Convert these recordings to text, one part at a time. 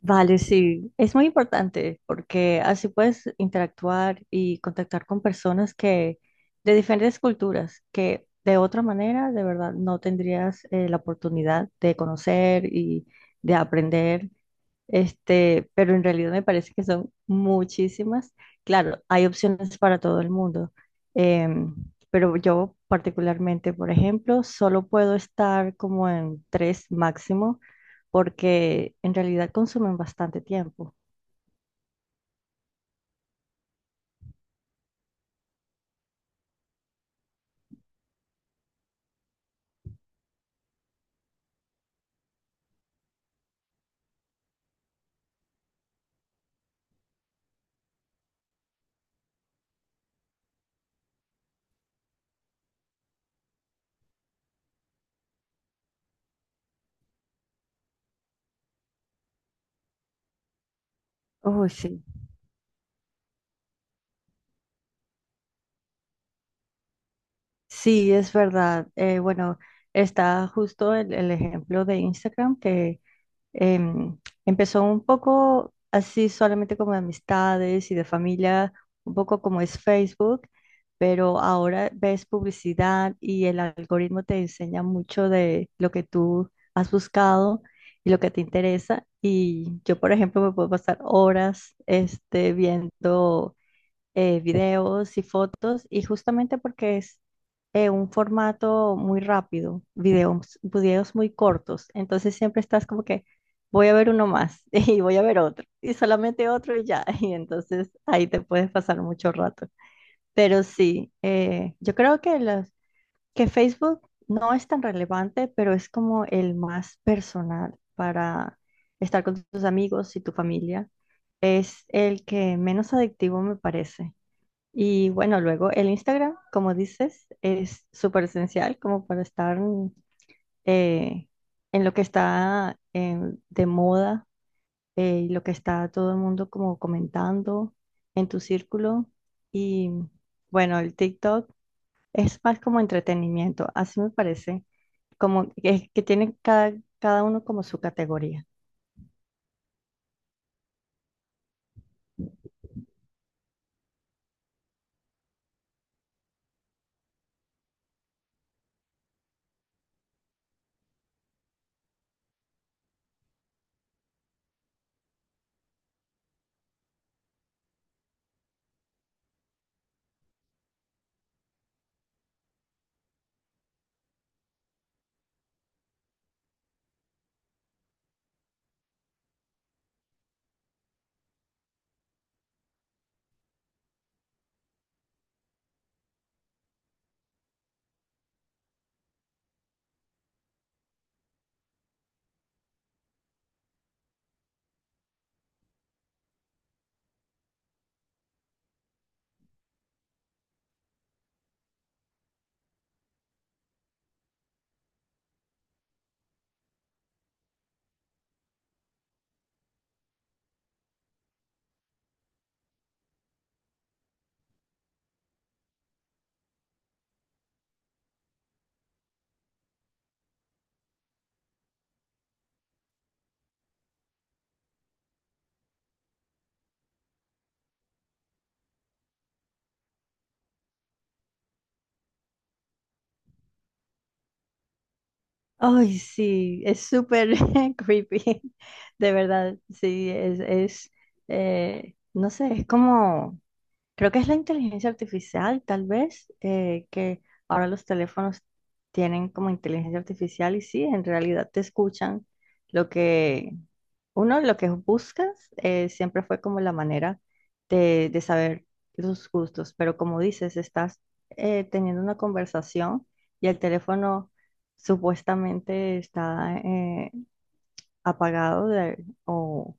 Vale, sí, es muy importante porque así puedes interactuar y contactar con personas que de diferentes culturas que de otra manera de verdad no tendrías la oportunidad de conocer y de aprender. Este, pero en realidad me parece que son muchísimas. Claro, hay opciones para todo el mundo, em, pero yo particularmente, por ejemplo, solo puedo estar como en tres máximo porque en realidad consumen bastante tiempo. Uy, sí, sí, es verdad. Bueno, está justo el ejemplo de Instagram que em, empezó un poco así solamente como de amistades y de familia, un poco como es Facebook, pero ahora ves publicidad y el algoritmo te enseña mucho de lo que tú has buscado y lo que te interesa. Y yo, por ejemplo, me puedo pasar horas este, viendo videos y fotos, y justamente porque es un formato muy rápido, videos, videos muy cortos, entonces siempre estás como que voy a ver uno más y voy a ver otro y solamente otro y ya, y entonces ahí te puedes pasar mucho rato. Pero sí, yo creo que que Facebook no es tan relevante, pero es como el más personal para estar con tus amigos y tu familia. Es el que menos adictivo me parece. Y bueno, luego el Instagram, como dices, es súper esencial como para estar eh, en lo que está de moda y lo que está todo el mundo como comentando en tu círculo. Y bueno, el TikTok es más como entretenimiento, así me parece, como que tiene cada uno como su categoría. Ay, sí, es súper creepy, de verdad, sí, es, no sé, es como... Creo que es la inteligencia artificial, tal vez, que ahora los teléfonos tienen como inteligencia artificial y sí, en realidad te escuchan lo que uno, lo que buscas, siempre fue como la manera de saber los gustos, pero como dices, estás teniendo una conversación y el teléfono supuestamente está apagado o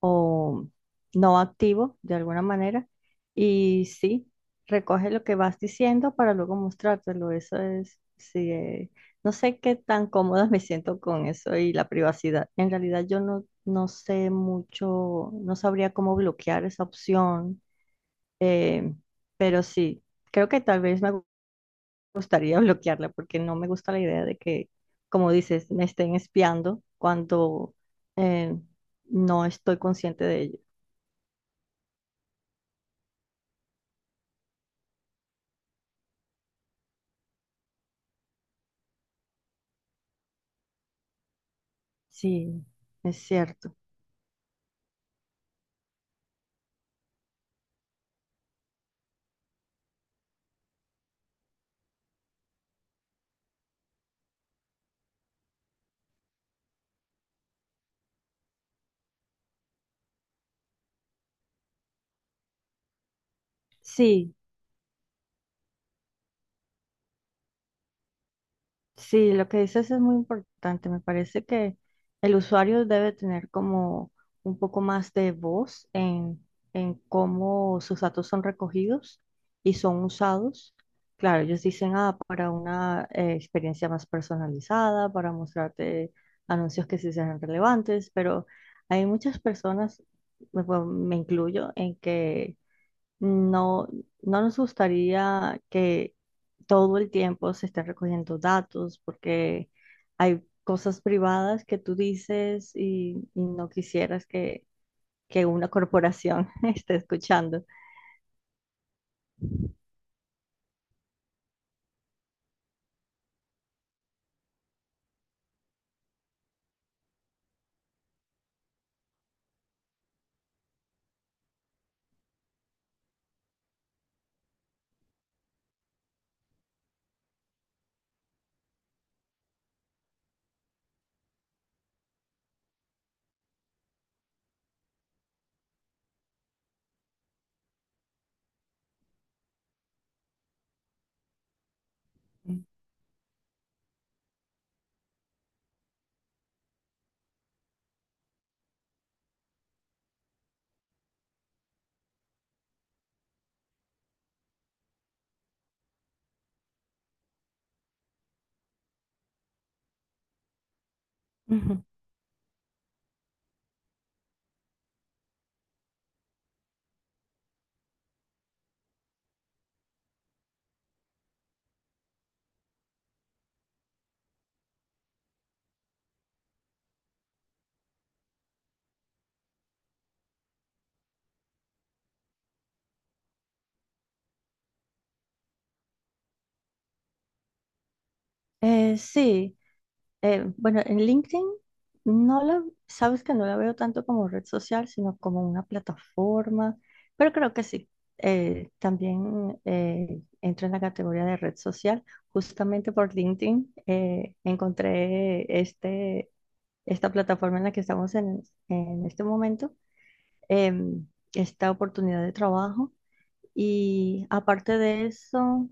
o no activo de alguna manera. Y sí, recoge lo que vas diciendo para luego mostrártelo. Eso es, sí, no sé qué tan cómoda me siento con eso y la privacidad. En realidad yo no sé mucho, no sabría cómo bloquear esa opción, eh, pero sí, creo que tal vez me gustaría bloquearla porque no me gusta la idea de que, como dices, me estén espiando cuando... eh, no estoy consciente de ello. Sí, es cierto. Sí, sí, lo que dices es muy importante. Me parece que el usuario debe tener como un poco más de voz en cómo sus datos son recogidos y son usados. Claro, ellos dicen, ah, para una experiencia más personalizada, para mostrarte anuncios que sí sean relevantes, pero hay muchas personas, me bueno, me incluyo, en que no, no nos gustaría que todo el tiempo se esté recogiendo datos porque hay cosas privadas que tú dices y no quisieras que una corporación esté escuchando. Ujú. Sí. Bueno, en LinkedIn sabes que no la veo tanto como red social, sino como una plataforma, pero creo que sí. También entra en la categoría de red social. Justamente por LinkedIn encontré esta plataforma en la que estamos en este momento, em, esta oportunidad de trabajo. Y aparte de eso,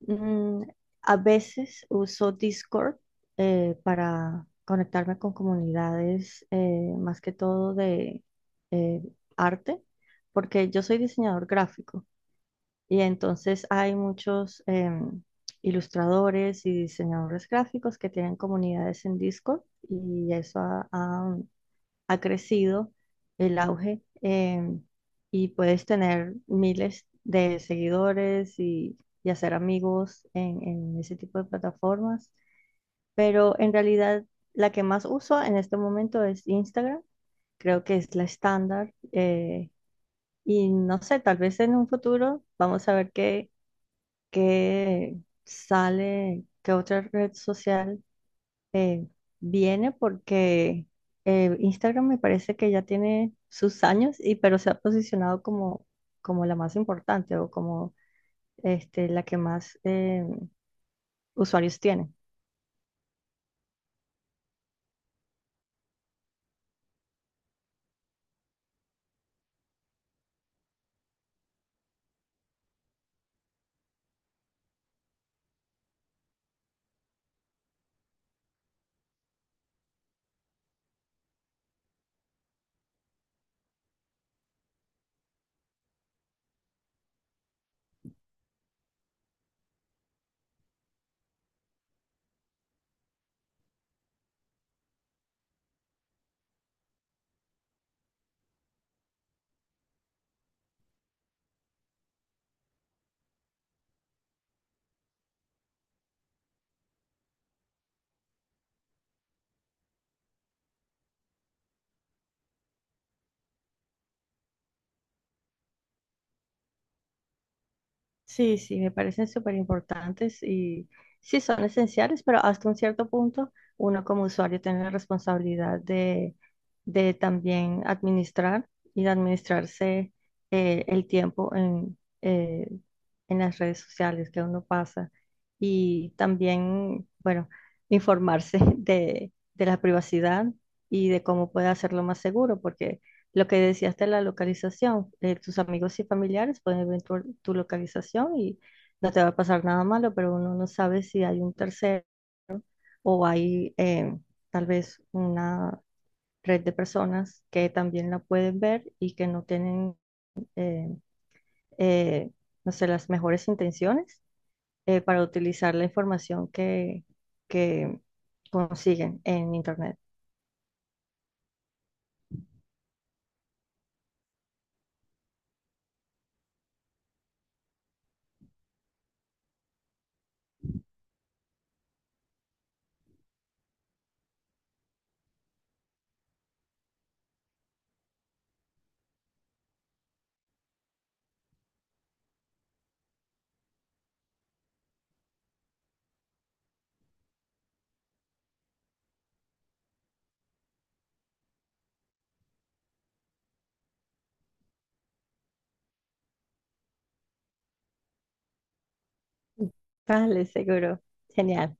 Mm, a veces uso Discord para conectarme con comunidades, más que todo de eh, arte, porque yo soy diseñador gráfico y entonces hay muchos ilustradores y diseñadores gráficos que tienen comunidades en Discord y eso ha crecido el auge y puedes tener miles de seguidores y hacer amigos en ese tipo de plataformas. Pero en realidad la que más uso en este momento es Instagram. Creo que es la estándar. Y no sé, tal vez en un futuro vamos a ver qué, qué sale, qué otra red social eh, viene porque Instagram me parece que ya tiene sus años y pero se ha posicionado como, como la más importante o como este, la que más usuarios tiene. Sí, sí, me parecen súper importantes y sí son esenciales, pero hasta un cierto punto uno como usuario tiene la responsabilidad de también administrar y de administrarse el tiempo en en las redes sociales que uno pasa y también, bueno, informarse de la privacidad y de cómo puede hacerlo más seguro, porque lo que decías de la localización, tus amigos y familiares pueden ver tu localización y no te va a pasar nada malo, pero uno no sabe si hay un tercero o hay tal vez una red de personas que también la pueden ver y que no tienen, eh, eh, no sé, las mejores intenciones para utilizar la información que consiguen en Internet. Vale, seguro. Genial.